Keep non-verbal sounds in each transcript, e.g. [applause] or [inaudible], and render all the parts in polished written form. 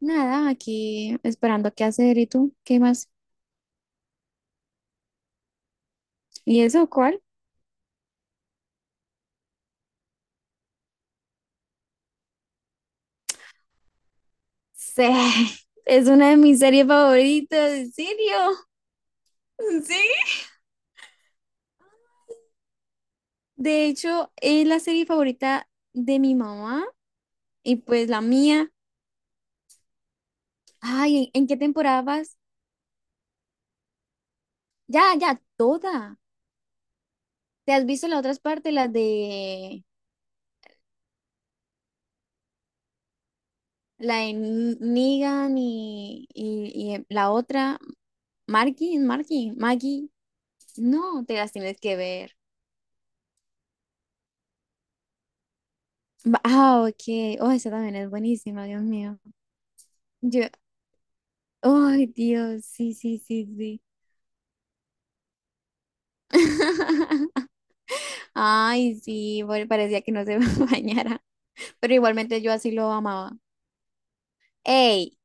Nada, aquí esperando qué hacer. ¿Y tú? ¿Qué más? ¿Y eso cuál? Sí, [laughs] es una de mis series favoritas, ¿en serio? Sí. De hecho, es la serie favorita de mi mamá y pues la mía. Ay, ¿en qué temporada vas? Ya, ya, toda. ¿Te has visto las otras partes, las de la de Negan y, y la otra, Marky, Maggie? No, te las tienes que ver. Ah, ok. Oh, esa también es buenísima, Dios mío. Yo, ay, Dios, sí, sí, sí, sí. [laughs] Ay, sí, bueno, parecía que no se [laughs] bañara, pero igualmente yo así lo amaba. ¡Ey!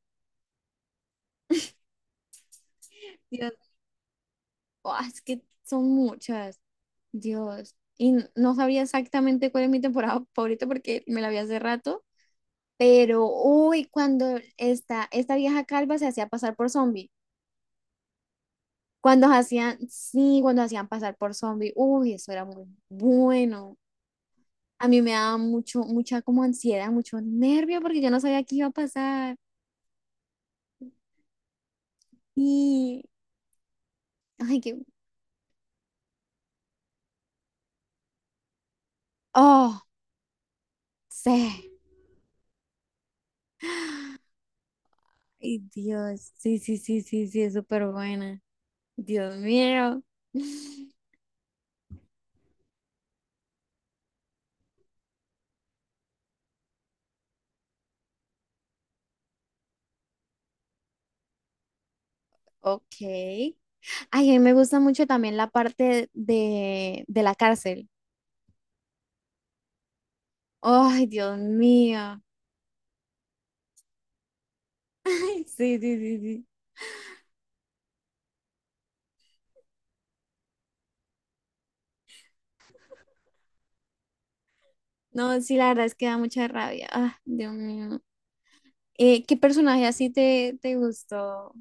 Dios, oh, es que son muchas. Dios. Y no sabía exactamente cuál es mi temporada [laughs] favorita porque me la vi hace rato, pero uy, cuando esta vieja calva se hacía pasar por zombie. Cuando hacían, sí, cuando hacían pasar por zombie, uy, eso era muy bueno. A mí me daba mucho, mucha como ansiedad, mucho nervio porque yo no sabía qué iba a pasar. Y, ay, qué, oh, sí, ay, Dios, sí, sí, sí, sí, sí, es súper buena. Dios mío. [laughs] Ok. Ay, a mí me gusta mucho también la parte de la cárcel. Ay, Dios mío. [laughs] Sí, sí, sí, sí. No, sí, la verdad es que da mucha rabia. Ah, Dios mío. ¿Qué personaje así te, te gustó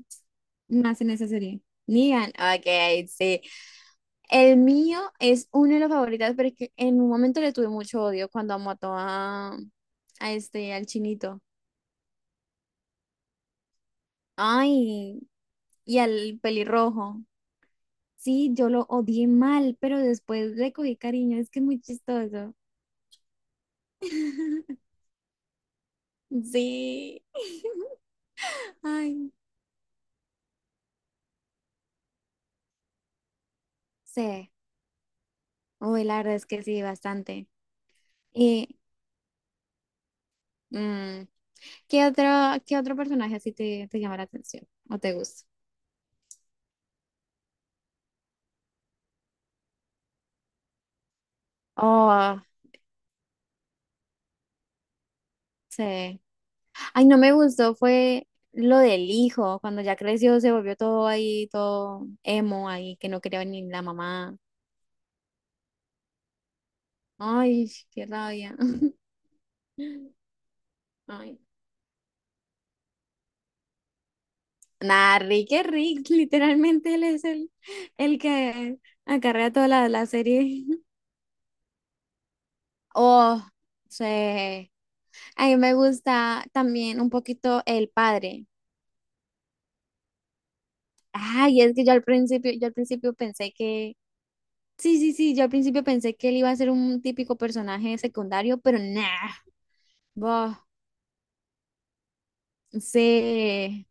más en esa serie? Negan, ok, sí. El mío es uno de los favoritos, pero es que en un momento le tuve mucho odio cuando mató a este, al chinito. Ay, y al pelirrojo. Sí, yo lo odié mal, pero después le cogí cariño, es que es muy chistoso. [laughs] Sí. [laughs] Ay, sí. Uy, la verdad es que sí, bastante. Y mm, ¿qué otro, qué otro personaje así te, te llama la atención o te gusta? Oh, sí. Ay, no me gustó, fue lo del hijo, cuando ya creció se volvió todo ahí, todo emo ahí, que no quería ni la mamá. Ay, qué rabia. [laughs] Ay. Nah, Rick es Rick, [laughs] literalmente él es el que acarrea toda la, la serie. [laughs] Oh, sí. A mí me gusta también un poquito el padre. Ay, es que yo al principio pensé que, sí, sí, sí, yo al principio pensé que él iba a ser un típico personaje secundario, pero nah, boh, sí.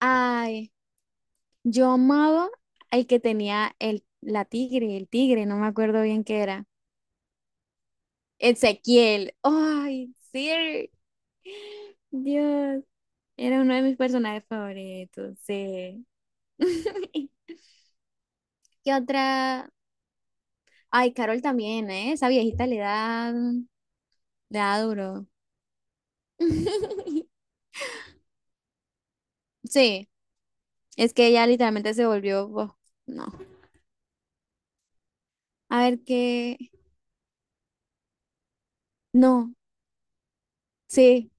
Ay, yo amaba el que tenía el, la tigre, el tigre, no me acuerdo bien qué era. Ezequiel, ay, sí, Dios, era uno de mis personajes favoritos, sí. [laughs] ¿Qué otra? Ay, Carol también, ¿eh? Esa viejita le da duro. [laughs] Sí, es que ella literalmente se volvió, oh, no. A ver qué, no, sí,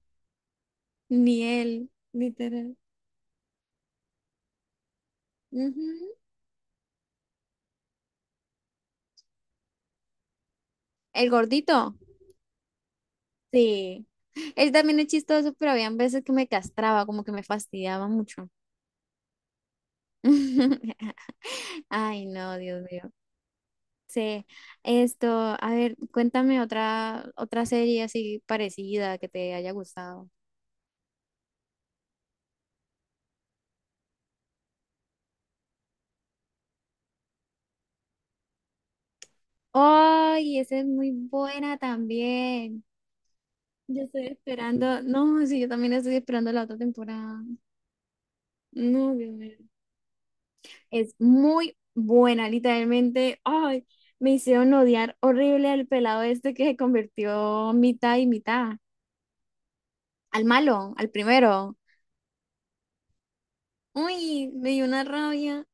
ni él, literal. Ujú. El gordito, sí. Él también es chistoso, pero habían veces que me castraba, como que me fastidiaba mucho. [laughs] Ay, no, Dios mío. Sí, esto, a ver, cuéntame otra, otra serie así parecida que te haya gustado. Ay, esa es muy buena también. Yo estoy esperando, no, sí, yo también estoy esperando la otra temporada. No, Dios mío. Es muy buena, literalmente. Ay, me hicieron odiar horrible al pelado este que se convirtió mitad y mitad. Al malo, al primero. Uy, me dio una rabia.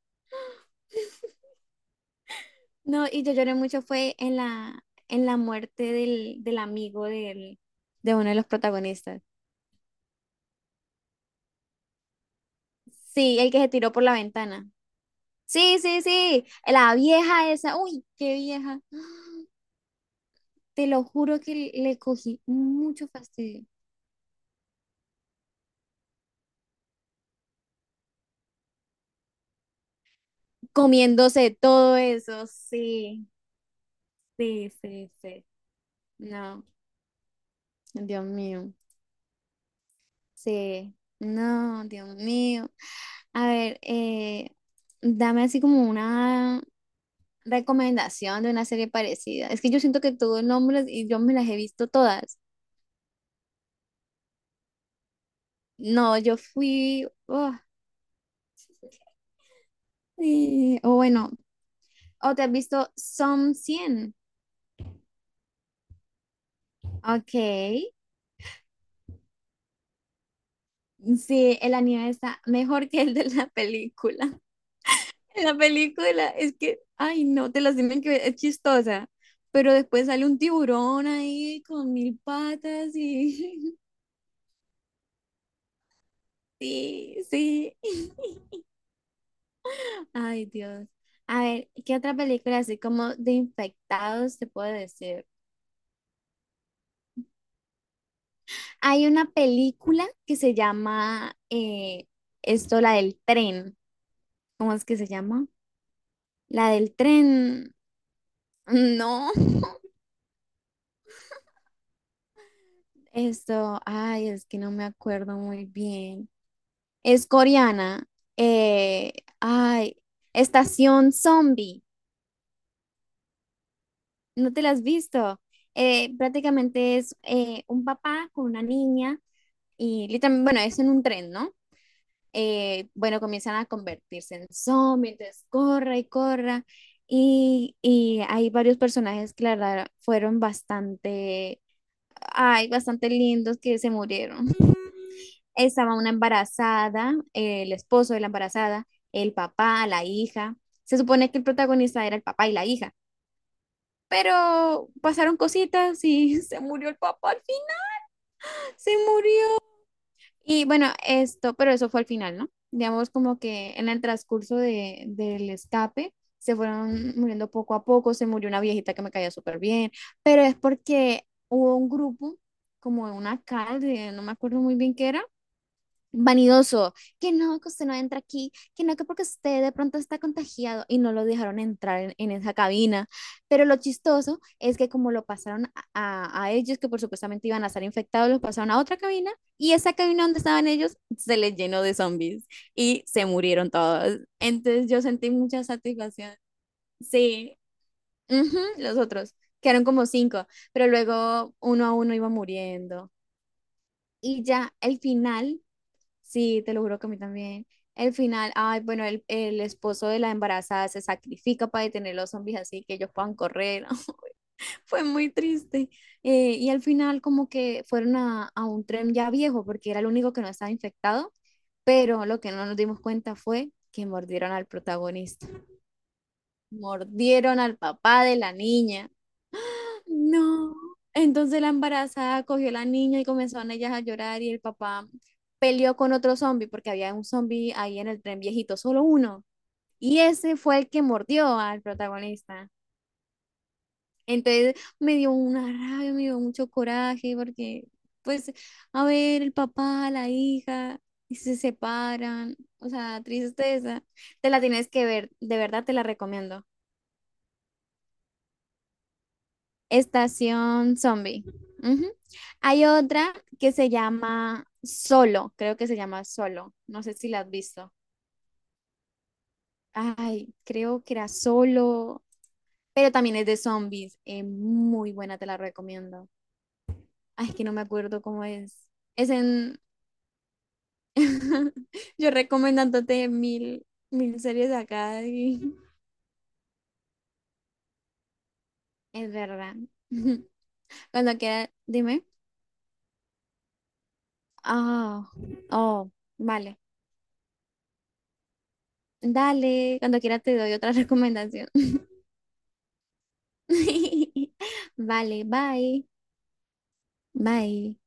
No, y yo lloré mucho fue en la muerte del, del amigo del, de uno de los protagonistas. Sí, el que se tiró por la ventana. Sí, sí, sí. La vieja esa. Uy, qué vieja. Te lo juro que le cogí mucho fastidio. Comiéndose todo eso, sí, sí, sí, sí. No, Dios mío, sí, no, Dios mío. A ver, dame así como una recomendación de una serie parecida. Es que yo siento que tuvo nombres y yo me las he visto todas. No, yo fui... oh, sí, o bueno, o te has visto Som 100. Ok. Sí, el anime está mejor que el de la película. [laughs] En la película es que, ay no, te las tienen que ver, es chistosa. Pero después sale un tiburón ahí con mil patas y [laughs] sí, sí. Ay Dios. A ver, ¿qué otra película así como de infectados te puedo decir? Hay una película que se llama esto, la del tren. ¿Cómo es que se llama? La del tren. No, esto, ay, es que no me acuerdo muy bien. Es coreana. eh, ay, Estación Zombie. ¿No te la has visto? Prácticamente es un papá con una niña y literalmente, bueno, es en un tren, ¿no? Bueno, comienzan a convertirse en zombies entonces corra y corra. Y hay varios personajes que la verdad fueron bastante, ay, bastante lindos que se murieron. Estaba una embarazada, el esposo de la embarazada, el papá, la hija. Se supone que el protagonista era el papá y la hija, pero pasaron cositas y [laughs] se murió el papá al fin, se murió. Y bueno, esto, pero eso fue al final, ¿no? Digamos como que en el transcurso de, del escape se fueron muriendo poco a poco, se murió una viejita que me caía súper bien, pero es porque hubo un grupo como de una calle, no me acuerdo muy bien qué era, vanidoso, que no, que usted no entra aquí, que no, que porque usted de pronto está contagiado y no lo dejaron entrar en esa cabina. Pero lo chistoso es que como lo pasaron a, a ellos, que por supuestamente iban a estar infectados, los pasaron a otra cabina y esa cabina donde estaban ellos se les llenó de zombies y se murieron todos. Entonces yo sentí mucha satisfacción. Sí, ujú, los otros. Quedaron como 5, pero luego uno a uno iba muriendo. Y ya el final sí, te lo juro que a mí también. El final, ay, bueno, el esposo de la embarazada se sacrifica para detener los zombies así que ellos puedan correr. [laughs] Fue muy triste. Y al final como que fueron a un tren ya viejo porque era el único que no estaba infectado, pero lo que no nos dimos cuenta fue que mordieron al protagonista. Mordieron al papá de la niña. No. Entonces la embarazada cogió a la niña y comenzaron ellas a llorar y el papá peleó con otro zombie porque había un zombie ahí en el tren viejito, solo uno. Y ese fue el que mordió al protagonista. Entonces me dio una rabia, me dio mucho coraje porque, pues, a ver, el papá, la hija, y se separan, o sea, tristeza. Te la tienes que ver, de verdad te la recomiendo. Estación Zombie. Ujú. Hay otra que se llama Solo, creo que se llama Solo. No sé si la has visto. Ay, creo que era Solo, pero también es de zombies. Muy buena, te la recomiendo. Ay, es que no me acuerdo cómo es. Es en... [laughs] Yo recomendándote mil series acá y... Es verdad. [laughs] Cuando quieras, dime. Ah, oh, vale. Dale, cuando quieras te doy otra [laughs] recomendación. [laughs] Vale, bye, bye.